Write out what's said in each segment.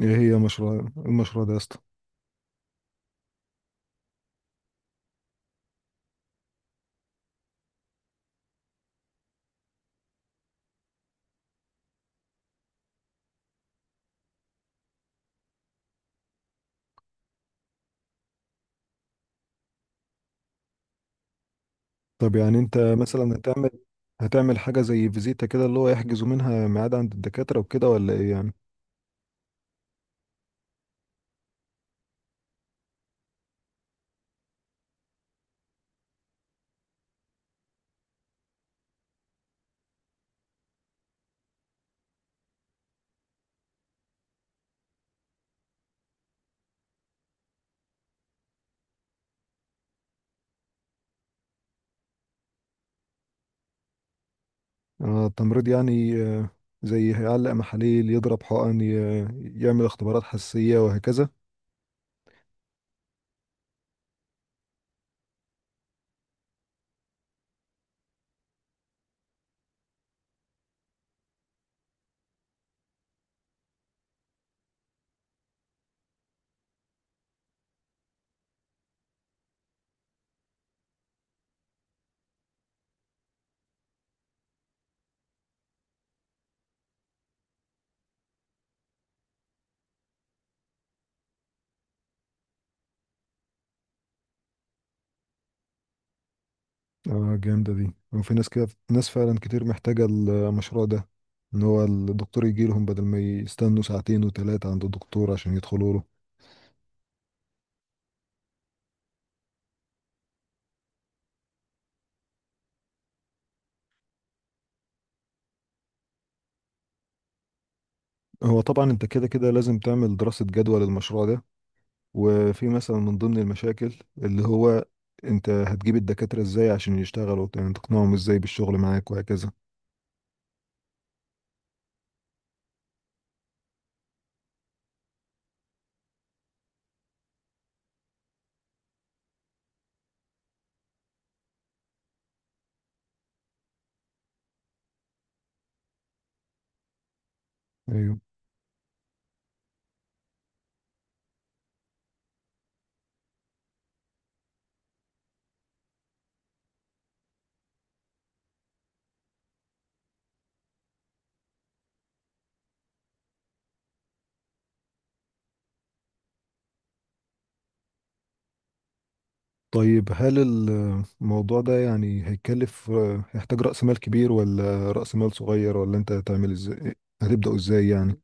ايه هي المشروع ده يا اسطى؟ طب يعني انت مثلا هتعمل حاجه زي فيزيتا كده، اللي هو يحجزوا منها ميعاد عند الدكاتره وكده، ولا ايه يعني؟ آه التمريض، يعني زي هيعلق محاليل، يضرب حقن، يعمل اختبارات حساسيه وهكذا. اه، جامده دي، وفي ناس كده، ناس فعلا كتير محتاجه المشروع ده، ان هو الدكتور يجي لهم بدل ما يستنوا ساعتين وثلاثه عند الدكتور عشان يدخلوا له. هو طبعا انت كده كده لازم تعمل دراسه جدوى للمشروع ده، وفي مثلا من ضمن المشاكل اللي هو انت هتجيب الدكاترة ازاي عشان يشتغلوا، يعني تقنعهم ازاي بالشغل معاك وهكذا. ايوه. طيب، هل الموضوع ده يعني هيكلف، هيحتاج رأس مال كبير، ولا رأس مال صغير، ولا انت هتعمل ازاي، هتبدأوا ازاي يعني؟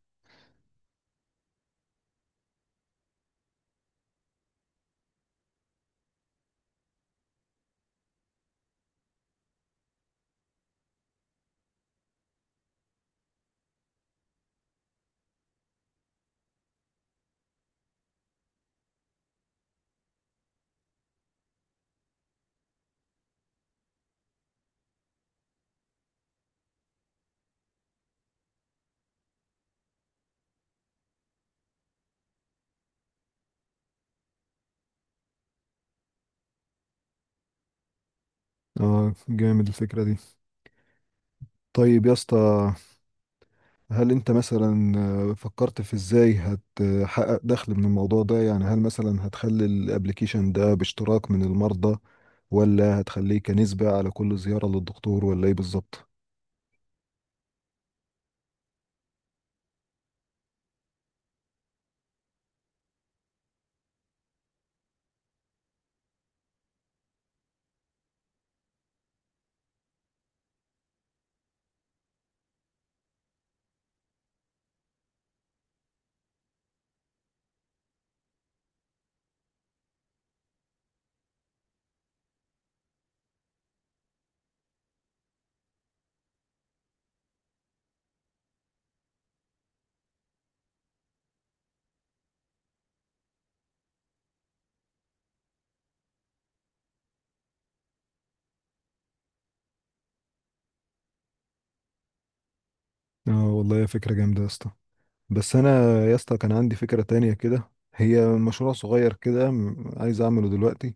اه، جامد الفكرة دي. طيب يا اسطى، هل انت مثلا فكرت في ازاي هتحقق دخل من الموضوع ده، يعني هل مثلا هتخلي الابليكيشن ده باشتراك من المرضى، ولا هتخليه كنسبة على كل زيارة للدكتور، ولا ايه بالظبط؟ اه والله يا فكرة جامدة يا اسطى. بس انا، يا اسطى، كان عندي فكرة تانية كده، هي مشروع صغير كده، عايز اعمله دلوقتي.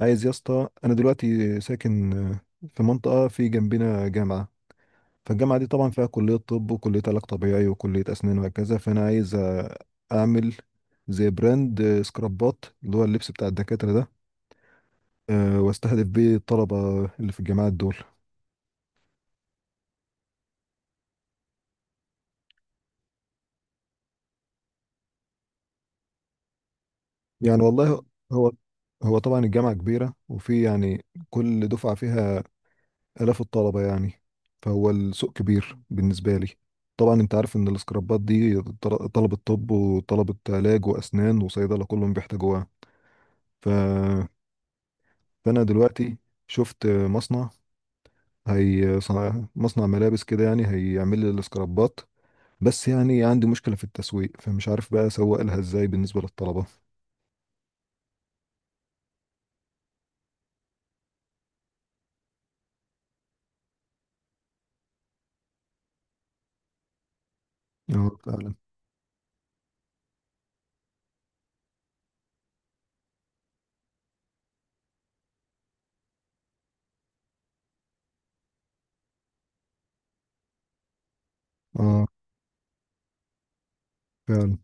عايز يا اسطى، انا دلوقتي ساكن في منطقة في جنبنا جامعة، فالجامعة دي طبعا فيها كلية طب وكلية علاج طبيعي وكلية أسنان وهكذا، فأنا عايز أعمل زي براند سكرابات، اللي هو اللبس بتاع الدكاترة ده، واستهدف بيه الطلبة اللي في الجامعات دول. يعني والله، هو هو طبعا الجامعة كبيرة، وفي يعني كل دفعة فيها آلاف الطلبة يعني، فهو السوق كبير بالنسبة لي. طبعا انت عارف ان السكرابات دي، طلبة طب وطلبة علاج وأسنان وصيدلة كلهم بيحتاجوها. ف، فانا دلوقتي شفت مصنع، هي مصنع ملابس كده، يعني هيعمل لي الاسكرابات، بس يعني عندي مشكلة في التسويق، فمش عارف بقى اسوق لها ازاي بالنسبة للطلبة. اه فعلا. اه فعلا.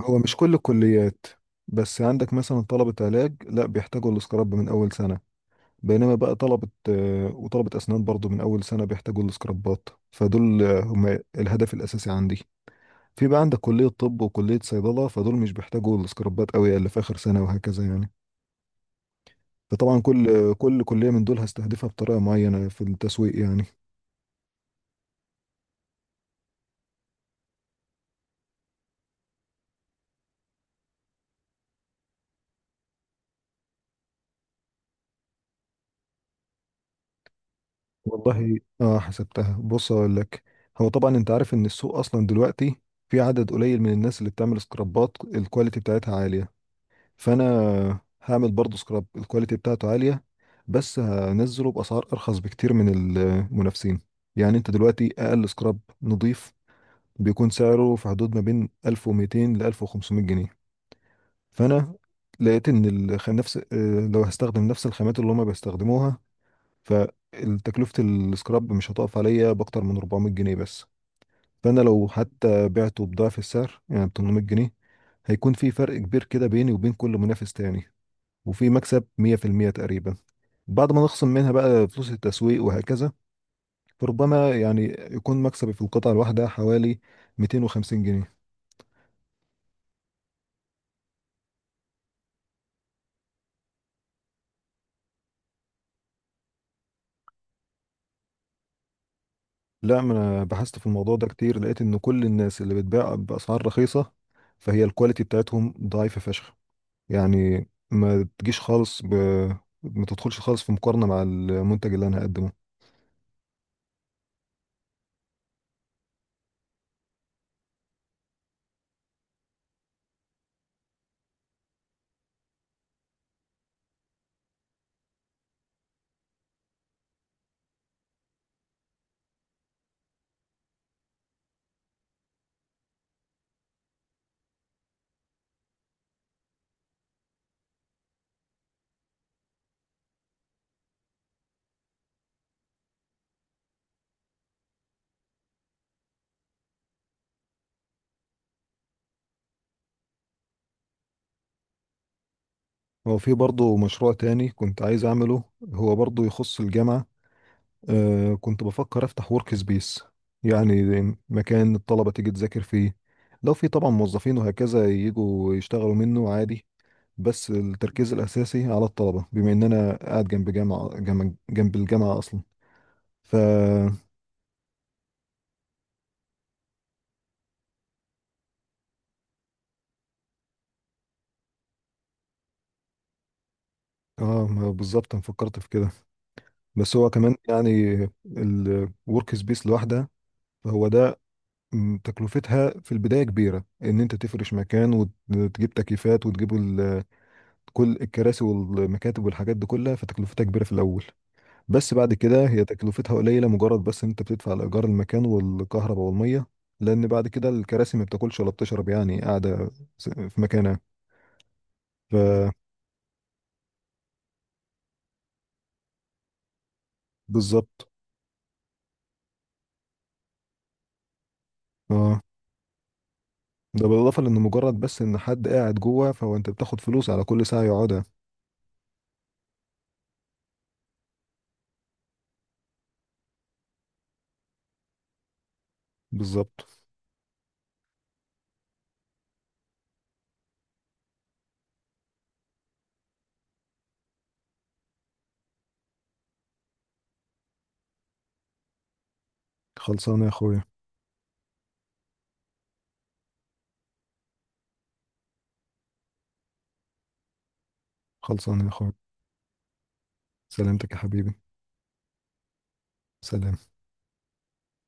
هو مش كل الكليات، بس عندك مثلا طلبة علاج لا بيحتاجوا الاسكراب من اول سنة، بينما بقى طلبة آه، وطلبة اسنان برضو من اول سنة بيحتاجوا الاسكرابات، فدول هم الهدف الاساسي عندي. في بقى عندك كلية طب وكلية صيدلة، فدول مش بيحتاجوا السكرابات قوي، اللي في آخر سنة وهكذا يعني. فطبعا كل كلية من دول هستهدفها بطريقة معينة في التسويق يعني. والله اه، حسبتها. بص اقول لك، هو طبعا انت عارف ان السوق اصلا دلوقتي في عدد قليل من الناس اللي بتعمل سكرابات الكواليتي بتاعتها عالية، فانا هعمل برضو سكراب الكواليتي بتاعته عالية، بس هنزله بأسعار ارخص بكتير من المنافسين. يعني انت دلوقتي اقل سكراب نضيف بيكون سعره في حدود ما بين 1200 ل 1500 جنيه. فانا لقيت ان الخ... نفس، لو هستخدم نفس الخامات اللي هما بيستخدموها، فتكلفة السكراب مش هتقف عليا باكتر من 400 جنيه بس. فانا لو حتى بعته بضعف السعر يعني ب 800 جنيه، هيكون في فرق كبير كده بيني وبين كل منافس تاني، وفي مكسب 100% تقريبا بعد ما نخصم منها بقى فلوس التسويق وهكذا. فربما يعني يكون مكسبي في القطعة الواحدة حوالي 250 جنيه. لا، ما انا بحثت في الموضوع ده كتير، لقيت ان كل الناس اللي بتبيع باسعار رخيصه فهي الكواليتي بتاعتهم ضعيفه فشخ، يعني ما تجيش خالص ب... ما تدخلش خالص في مقارنه مع المنتج اللي انا هقدمه. هو في برضه مشروع تاني كنت عايز اعمله، هو برضه يخص الجامعه. آه، كنت بفكر افتح ورك سبيس، يعني مكان الطلبة تيجي تذاكر فيه، لو في طبعا موظفين وهكذا يجوا يشتغلوا منه عادي، بس التركيز الأساسي على الطلبة بما إن أنا قاعد جنب جامعة، جنب الجامعة أصلا. ف. اه ما بالظبط أنا فكرت في كده، بس هو كمان يعني الورك سبيس لوحدها، فهو ده، تكلفتها في البداية كبيرة، إن أنت تفرش مكان وتجيب تكييفات وتجيب كل الكراسي والمكاتب والحاجات دي كلها، فتكلفتها كبيرة في الأول. بس بعد كده هي تكلفتها قليلة، مجرد بس إن أنت بتدفع لإيجار المكان والكهرباء والمية، لأن بعد كده الكراسي ما بتاكلش ولا بتشرب يعني، قاعدة في مكانها. فبالظبط. اه، ده بالإضافة لأن مجرد بس إن حد قاعد جوه، فهو أنت بتاخد فلوس على كل ساعة يقعدها. بالظبط. خلصانة يا أخويا. خلصانة يا أخويا. سلامتك يا حبيبي. سلام.